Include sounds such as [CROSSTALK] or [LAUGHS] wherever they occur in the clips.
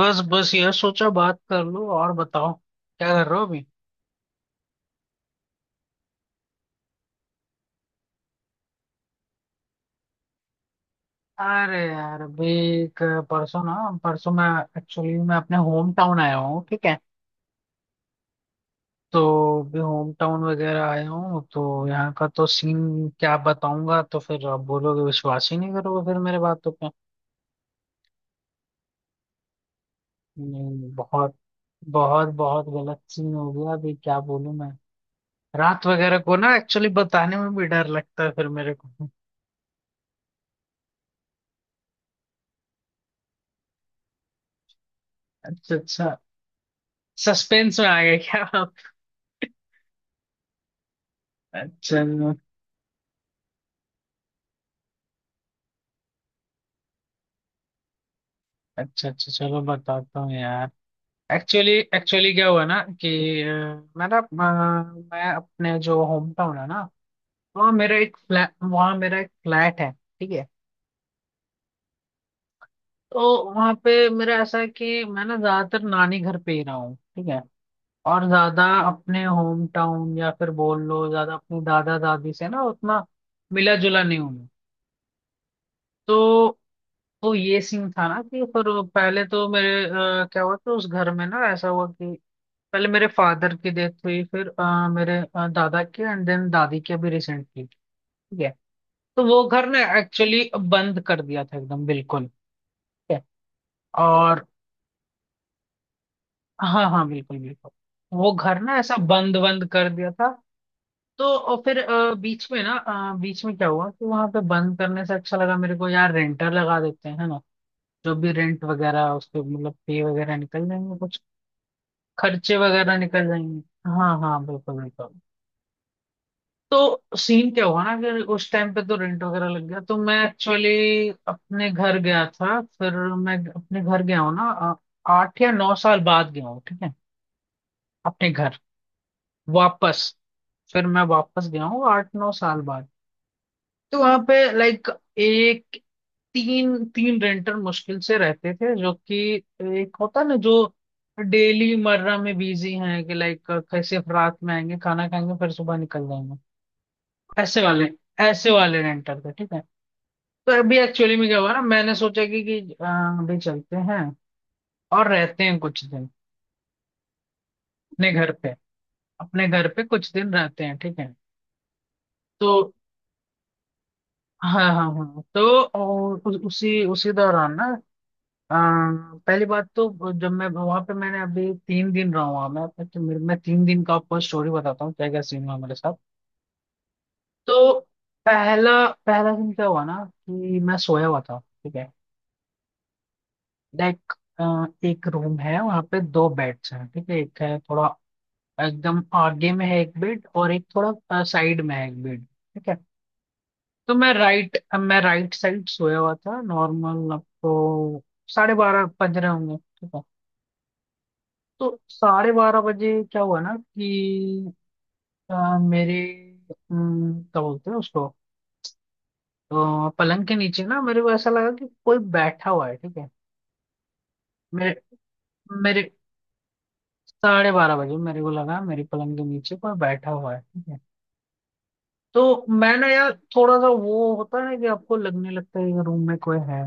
बस बस यह सोचा बात कर लो और बताओ। क्या कर रहे हो अभी? अरे यार, अभी एक परसों ना परसों मैं एक्चुअली मैं अपने होम टाउन आया हूँ, ठीक है? तो अभी होम टाउन वगैरह आया हूँ तो यहाँ का तो सीन क्या बताऊंगा, तो फिर आप बोलोगे विश्वास ही नहीं करोगे फिर मेरे बातों पे। नहीं, बहुत बहुत बहुत गलत सीन हो गया अभी, क्या बोलूं मैं। रात वगैरह को ना एक्चुअली बताने में भी डर लगता है फिर मेरे को। [LAUGHS] अच्छा अच्छा, सस्पेंस में आ गए क्या? अच्छा अच्छा अच्छा, चलो बताता हूँ यार। एक्चुअली एक्चुअली क्या हुआ ना कि अ, मैं ना, मैं अपने जो होम टाउन है ना, वहाँ मेरा एक फ्लैट, वहाँ मेरा एक फ्लैट है। ठीक है? तो वहाँ पे मेरा ऐसा है कि मैं ना ज्यादातर नानी घर पे ही रहा हूँ, ठीक है? और ज्यादा अपने होम टाउन या फिर बोल लो ज्यादा अपने दादा दादी से ना उतना मिला जुला नहीं हूँ मैं। तो तो ये सीन था ना कि फिर वो पहले तो मेरे, क्या हुआ कि उस घर में ना ऐसा हुआ कि पहले मेरे फादर की डेथ हुई, फिर मेरे दादा की, एंड देन दादी की अभी रिसेंटली। ठीक है? तो वो घर ना एक्चुअली बंद कर दिया था एकदम बिल्कुल। ठीक है? और हाँ हाँ, बिल्कुल बिल्कुल, वो घर ना ऐसा बंद बंद कर दिया था। तो और फिर बीच में ना, बीच में क्या हुआ कि वहां पे बंद करने से अच्छा लगा मेरे को यार, रेंटर लगा देते हैं, है ना? जो भी रेंट वगैरह उसके मतलब पे वगैरह निकल जाएंगे, कुछ खर्चे वगैरह निकल जाएंगे। हाँ हाँ, बिल्कुल बिल्कुल। तो सीन क्या हुआ ना, अगर उस टाइम पे तो रेंट वगैरह लग गया, तो मैं एक्चुअली अपने घर गया था। फिर मैं अपने घर गया हूँ ना, 8 या 9 साल बाद गया हूँ, ठीक है, अपने घर वापस। फिर मैं वापस गया हूँ 8 9 साल बाद। तो वहां पे लाइक, एक, तीन तीन रेंटर मुश्किल से रहते थे, जो कि एक होता ना जो डेली मर्रा में बिजी हैं, कि लाइक कैसे रात में आएंगे, खाना खाएंगे, फिर सुबह निकल जाएंगे, ऐसे वाले ऐसे वाले रेंटर थे। ठीक है? तो अभी एक्चुअली में क्या हुआ ना, मैंने सोचा कि कि अभी चलते हैं और रहते हैं कुछ दिन अपने घर पे, अपने घर पे कुछ दिन रहते हैं। ठीक है? तो हाँ हाँ हाँ, तो और उसी उसी दौरान ना, अ, पहली बात तो, जब मैं वहां पे मैंने अभी 3 दिन रहा हुआ मैं, तो मेरे मैं 3 दिन का आपको स्टोरी बताता हूँ, क्या क्या सीन हुआ मेरे साथ। तो पहला पहला दिन क्या हुआ ना कि मैं सोया हुआ था। ठीक है? लाइक एक रूम है वहां पे, दो बेड्स हैं, ठीक है? एक है थोड़ा एकदम आगे में है एक बेड, और एक थोड़ा साइड में है एक बेड। ठीक है? तो मैं राइट साइड सोया हुआ था नॉर्मल। आपको 12:30 बज रहे होंगे, ठीक है? तो 12:30 बजे क्या हुआ ना कि अ, मेरे क्या बोलते हैं उसको, पलंग के नीचे ना मेरे को ऐसा लगा कि कोई बैठा हुआ है। ठीक है? मेरे मेरे 12:30 बजे मेरे को लगा मेरे पलंग के नीचे कोई बैठा हुआ है। ठीक है। तो मैं ना यार थोड़ा सा, वो होता है कि आपको लगने लगता है कि रूम में कोई है।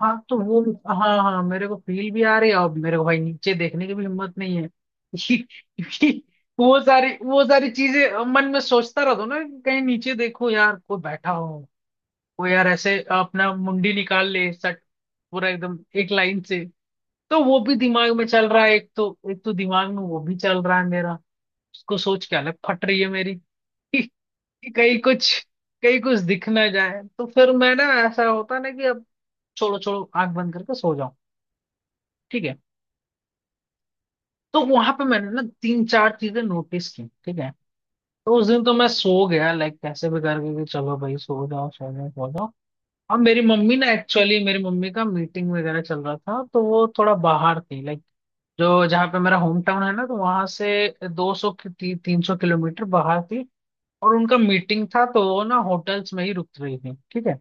हाँ, तो वो, हाँ हाँ, मेरे को फील भी आ रही है और मेरे को भाई नीचे देखने की भी हिम्मत नहीं है [LAUGHS] क्योंकि वो सारी चीजें मन में सोचता रहता हूँ ना कि कहीं नीचे देखो यार कोई बैठा हो, कोई यार ऐसे अपना मुंडी निकाल ले सट, पूरा एकदम एक लाइन से। तो वो भी दिमाग में चल रहा है, एक तो दिमाग में वो भी चल रहा है मेरा, उसको सोच के अलग फट रही है मेरी कि कहीं कुछ, कहीं कुछ दिख ना जाए। तो फिर मैं ना, ऐसा होता ना कि अब छोड़ो छोड़ो, आंख बंद करके सो जाओ। ठीक है? तो वहां पे मैंने ना तीन चार चीजें नोटिस की, ठीक है? तो उस दिन तो मैं सो गया लाइक, कैसे भी करके कि चलो भाई सो जाओ सो जाओ सो जाओ। और मेरी मम्मी ना, एक्चुअली मेरी मम्मी का मीटिंग वगैरह चल रहा था तो वो थोड़ा बाहर थी, लाइक जो जहाँ पे मेरा होम टाउन है ना, तो वहां से 200 की ती, 300 किलोमीटर बाहर थी, और उनका मीटिंग था तो वो ना होटल्स में ही रुक रही थी। ठीक है?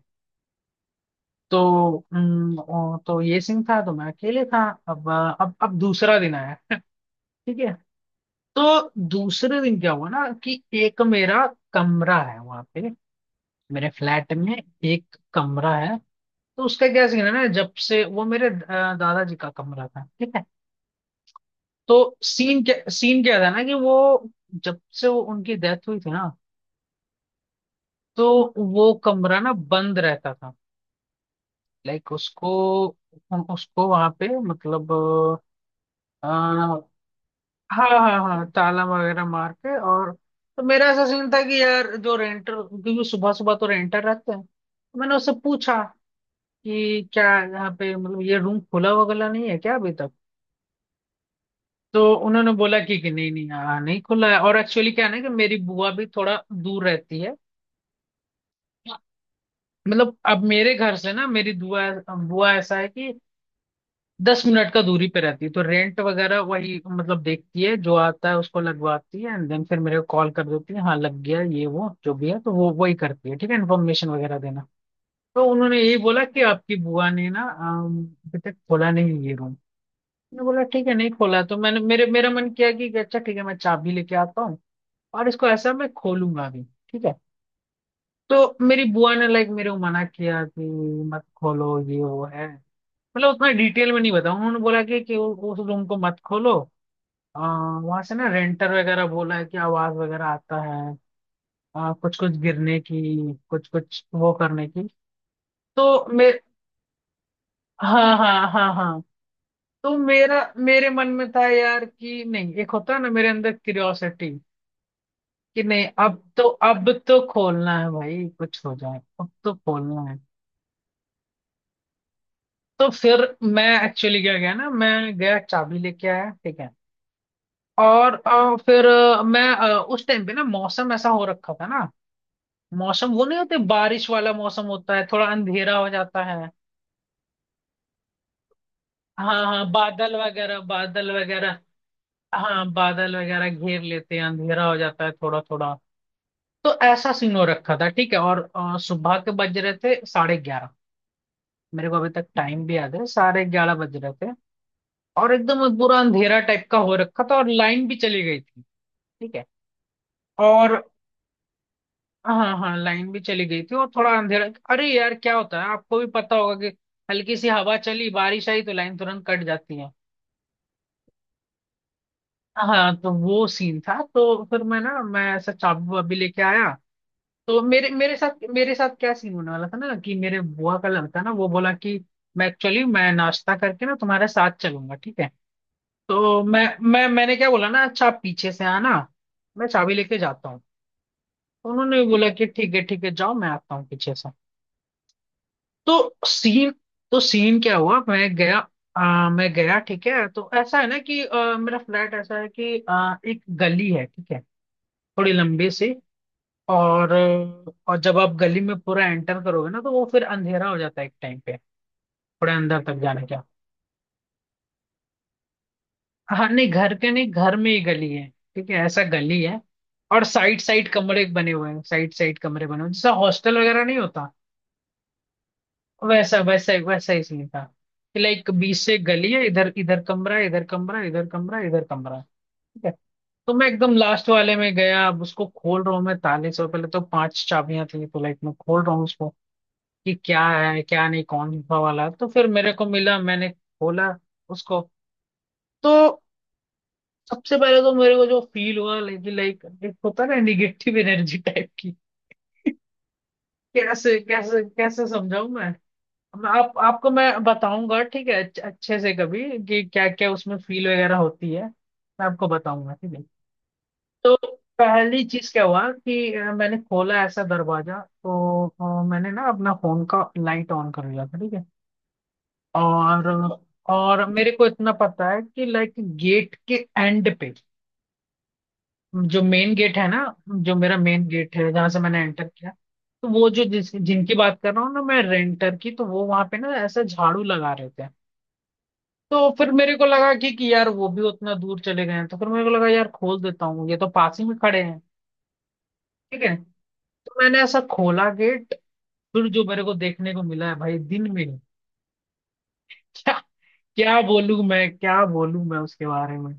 तो तो ये सीन था, तो मैं अकेले था। अब अब दूसरा दिन आया। [LAUGHS] ठीक है? तो दूसरे दिन क्या हुआ ना कि एक मेरा कमरा है वहां पे, मेरे फ्लैट में एक कमरा है। तो उसका क्या सीन है ना, जब से वो मेरे दादाजी का कमरा था, ठीक है? तो सीन क्या था ना कि वो, जब से वो उनकी डेथ हुई थी ना, तो वो कमरा ना बंद रहता था। लाइक उसको उसको वहां पे मतलब, हाँ हाँ हाँ, ताला वगैरह मार के। और तो मेरा ऐसा सीन था कि यार जो रेंटर, क्योंकि सुबह सुबह तो रेंटर रहते हैं, तो मैंने उससे पूछा कि क्या यहाँ पे मतलब ये रूम खुला वगैरह नहीं है क्या अभी तक? तो उन्होंने बोला कि नहीं नहीं, हाँ नहीं खुला है, और एक्चुअली क्या है ना, कि मेरी बुआ भी थोड़ा दूर रहती है। मतलब अब मेरे घर से ना, मेरी बुआ, बुआ ऐसा है कि 10 मिनट का दूरी पे रहती है, तो रेंट वगैरह वही मतलब देखती है, जो आता है उसको लगवाती है, एंड देन फिर मेरे को कॉल कर देती है, हाँ लग गया ये वो जो भी है, तो वो वही करती है, ठीक है, इन्फॉर्मेशन वगैरह देना। तो उन्होंने यही बोला कि आपकी बुआ ने ना अभी तक खोला नहीं ये रूम। मैंने बोला ठीक है, नहीं खोला है। तो मैंने, मेरे मेरा मन किया कि अच्छा ठीक है, मैं चाबी लेके आता हूँ और इसको ऐसा मैं खोलूंगा भी। ठीक है? तो मेरी बुआ ने लाइक मेरे को मना किया कि मत खोलो ये वो है, मतलब उतना डिटेल में नहीं बताऊँ। उन्होंने बोला कि उस रूम को मत खोलो। आ, वहां से ना रेंटर वगैरह बोला है कि आवाज वगैरह आता है, कुछ कुछ गिरने की, कुछ कुछ वो करने की। तो मे हाँ हाँ हाँ हाँ, तो मेरा मेरे मन में था यार कि नहीं, एक होता है ना मेरे अंदर क्यूरियोसिटी, कि नहीं अब तो, अब तो खोलना है भाई, कुछ हो जाए अब तो खोलना है। तो फिर मैं एक्चुअली क्या गया ना, मैं गया चाबी लेके आया, ठीक है? और फिर उस टाइम पे ना मौसम ऐसा हो रखा था ना, मौसम वो नहीं होते बारिश वाला मौसम, होता है थोड़ा अंधेरा हो जाता है। हाँ हाँ, बादल वगैरह, हाँ बादल वगैरह घेर लेते हैं, अंधेरा हो जाता है थोड़ा थोड़ा। तो ऐसा सीन हो रखा था, ठीक है? और सुबह के बज रहे थे 11:30, मेरे को अभी तक टाइम भी याद है, 11:30 बज रहे थे, और एकदम पूरा अंधेरा टाइप का हो रखा था, और लाइन भी चली गई थी। ठीक है? और हाँ हाँ, लाइन भी चली गई थी, और थोड़ा अंधेरा। अरे यार क्या होता है आपको भी पता होगा कि हल्की सी हवा चली बारिश आई तो लाइन तुरंत कट जाती है। हाँ, तो वो सीन था। तो फिर मैं ऐसा चाबू वाबू लेके आया। तो मेरे मेरे साथ क्या सीन होने वाला था ना, कि मेरे बुआ का लड़का ना, वो बोला कि मैं एक्चुअली मैं नाश्ता करके ना तुम्हारे साथ चलूंगा, ठीक है? तो मैंने क्या बोला ना, अच्छा आप पीछे से आना, मैं चाबी लेके जाता हूँ। तो उन्होंने भी बोला कि ठीक है ठीक है, जाओ, मैं आता हूँ पीछे से। तो सीन तो सीन क्या हुआ, मैं गया, मैं गया, ठीक है? तो ऐसा है ना कि मेरा फ्लैट ऐसा है कि एक गली है ठीक है, थोड़ी लंबी सी। और और जब आप गली में पूरा एंटर करोगे ना, तो वो फिर अंधेरा हो जाता है एक टाइम पे, थोड़ा अंदर तक जाने का। हाँ नहीं घर के नहीं, घर में ही गली है, ठीक है, ऐसा गली है। और साइड साइड कमरे बने हुए हैं साइड साइड कमरे बने हुए हैं, जैसा हॉस्टल वगैरह नहीं होता, वैसा वैसा वैसा ही सीन था, कि लाइक बीच से एक गली है, इधर इधर कमरा है, इधर कमरा है, इधर कमरा है, इधर कमरा है। ठीक है? तो मैं एकदम लास्ट वाले में गया, अब उसको खोल रहा हूँ मैं ताले से, और पहले तो 5 चाबियां थी तो लाइक मैं खोल रहा हूँ उसको कि क्या है क्या नहीं कौन सा वाला है। तो फिर मेरे को मिला, मैंने खोला उसको। तो सबसे पहले तो मेरे को जो फील हुआ, लाइक लाइक होता है ना, निगेटिव एनर्जी टाइप की। कैसे कैसे कैसे समझाऊं। मैं आप आपको मैं बताऊंगा, ठीक है, अच्छे अच्छे से कभी, कि क्या क्या उसमें फील वगैरह होती है। मैं आपको बताऊंगा, ठीक है। तो पहली चीज क्या हुआ कि मैंने खोला ऐसा दरवाजा, तो मैंने ना अपना फोन का लाइट ऑन कर लिया था, ठीक है। और और मेरे को इतना पता है कि लाइक गेट के एंड पे, जो मेन गेट है ना, जो मेरा मेन गेट है जहां से मैंने एंटर किया, तो वो जो जिस जिनकी बात कर रहा हूँ ना मैं, रेंटर की, तो वो वहां पे ना ऐसा झाड़ू लगा रहे थे। तो फिर मेरे को लगा कि यार वो भी उतना दूर चले गए हैं, तो फिर मेरे को लगा यार खोल देता हूँ, ये तो पास ही में खड़े हैं, ठीक है। तो मैंने ऐसा खोला गेट। फिर जो मेरे को देखने को मिला है भाई दिन में, क्या क्या बोलूं मैं, क्या बोलूं मैं उसके बारे में।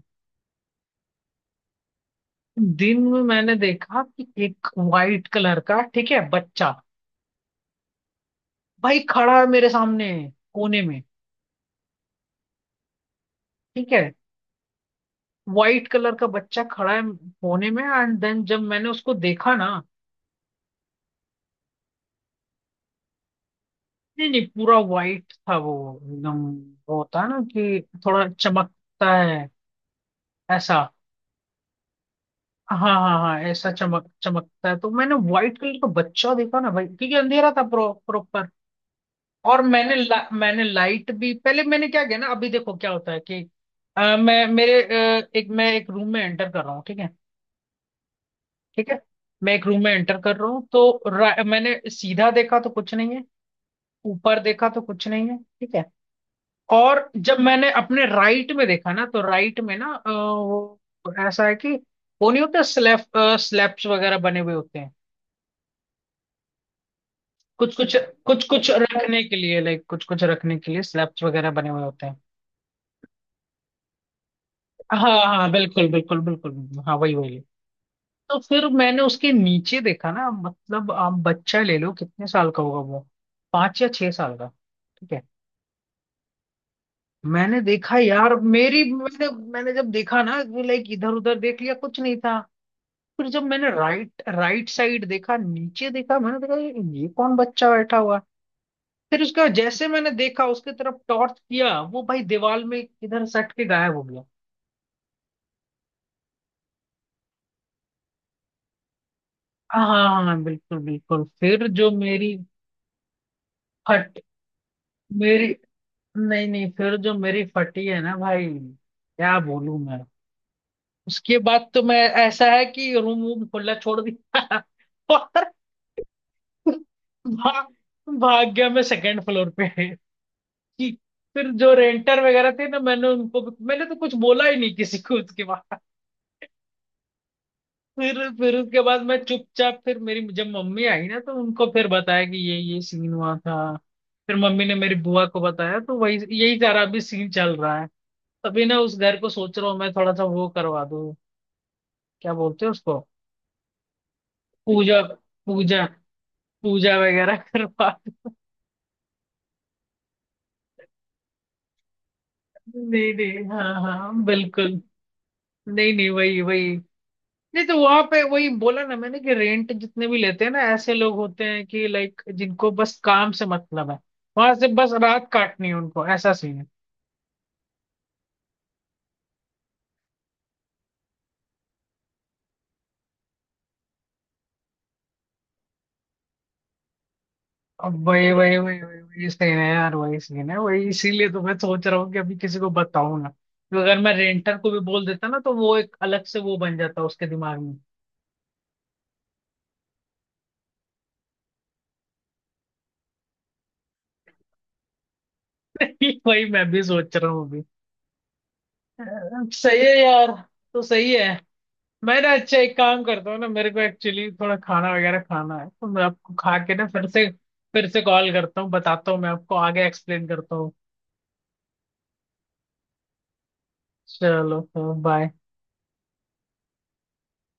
दिन में मैंने देखा कि एक वाइट कलर का, ठीक है, बच्चा, भाई, खड़ा है मेरे सामने, कोने में, ठीक है। वाइट कलर का बच्चा खड़ा है कोने में, एंड देन जब मैंने उसको देखा ना। नहीं नहीं, पूरा वाइट था वो, एकदम। वो होता है ना कि थोड़ा चमकता है, ऐसा। हाँ हाँ हाँ, ऐसा चमकता है। तो मैंने व्हाइट कलर का बच्चा देखा ना भाई, क्योंकि अंधेरा था प्रो प्रॉपर। और मैंने लाइट भी, पहले मैंने क्या किया ना, अभी देखो क्या होता है कि मैं मेरे एक, मैं एक रूम में एंटर कर रहा हूँ, ठीक है, ठीक है। मैं एक रूम में एंटर कर रहा हूँ, तो मैंने सीधा देखा तो कुछ नहीं है, ऊपर देखा तो कुछ नहीं है, ठीक है। और जब मैंने अपने राइट में देखा ना, तो राइट में ना वो ऐसा है कि, वो नहीं होता स्लैब, स्लैब्स वगैरह बने हुए होते हैं, कुछ कुछ, कुछ कुछ रखने के लिए, लाइक कुछ कुछ रखने के लिए स्लैब्स वगैरह बने हुए होते हैं। हाँ हाँ, बिल्कुल बिल्कुल बिल्कुल बिल्कुल, हाँ वही वही। तो फिर मैंने उसके नीचे देखा ना, मतलब आप बच्चा ले लो, कितने साल का होगा वो, पांच या छह साल का, ठीक है। मैंने देखा यार, मेरी मैंने मैंने जब देखा ना, लाइक इधर उधर देख लिया, कुछ नहीं था। फिर जब मैंने राइट राइट साइड देखा, नीचे देखा, मैंने देखा ये कौन बच्चा बैठा हुआ है? फिर उसका, जैसे मैंने देखा, उसके तरफ टॉर्च किया, वो भाई दीवार में इधर सट के गायब हो गया। हाँ हाँ हाँ, हाँ, बिल्कुल बिल्कुल। फिर जो मेरी फट मेरी, नहीं नहीं, फिर जो मेरी फटी है ना भाई, क्या बोलूं मैं। उसके बाद तो मैं, ऐसा है कि रूम वूम खुला छोड़ दिया [LAUGHS] और भा, भाग गया मैं सेकंड फ्लोर पे। कि फिर जो रेंटर वगैरह थे ना, मैंने उनको, मैंने तो कुछ बोला ही नहीं किसी को उसके बाद। फिर उसके बाद मैं चुपचाप, फिर मेरी जब मम्मी आई ना तो उनको फिर बताया कि ये सीन हुआ था। फिर मम्मी ने मेरी बुआ को बताया, तो वही यही सारा अभी सीन चल रहा है। तभी ना उस घर को सोच रहा हूँ मैं, थोड़ा सा वो करवा दूँ, क्या बोलते हैं उसको, पूजा, पूजा, पूजा वगैरह [LAUGHS] करवा दूं। नहीं नहीं, हाँ हाँ, बिल्कुल। नहीं नहीं, वही वही। नहीं तो वहां पे वही बोला ना मैंने, कि रेंट जितने भी लेते हैं ना, ऐसे लोग होते हैं कि लाइक जिनको बस काम से मतलब है, वहां से बस रात काटनी है उनको, ऐसा सीन है। अब वही वही वही वही वही सीन है यार, वही सीन है वही, इसीलिए तो मैं सोच रहा हूँ कि अभी किसी को बताऊं ना, तो अगर मैं रेंटर को भी बोल देता ना, तो वो एक अलग से वो बन जाता उसके दिमाग में। [LAUGHS] वही मैं भी सोच रहा हूँ अभी। अ, सही है यार, तो सही है। मैं ना अच्छा एक काम करता हूँ ना, मेरे को एक्चुअली थोड़ा खाना वगैरह खाना है, तो मैं आपको खा के ना फिर से कॉल करता हूँ, बताता हूँ, मैं आपको आगे एक्सप्लेन करता हूँ। चलो, बाय।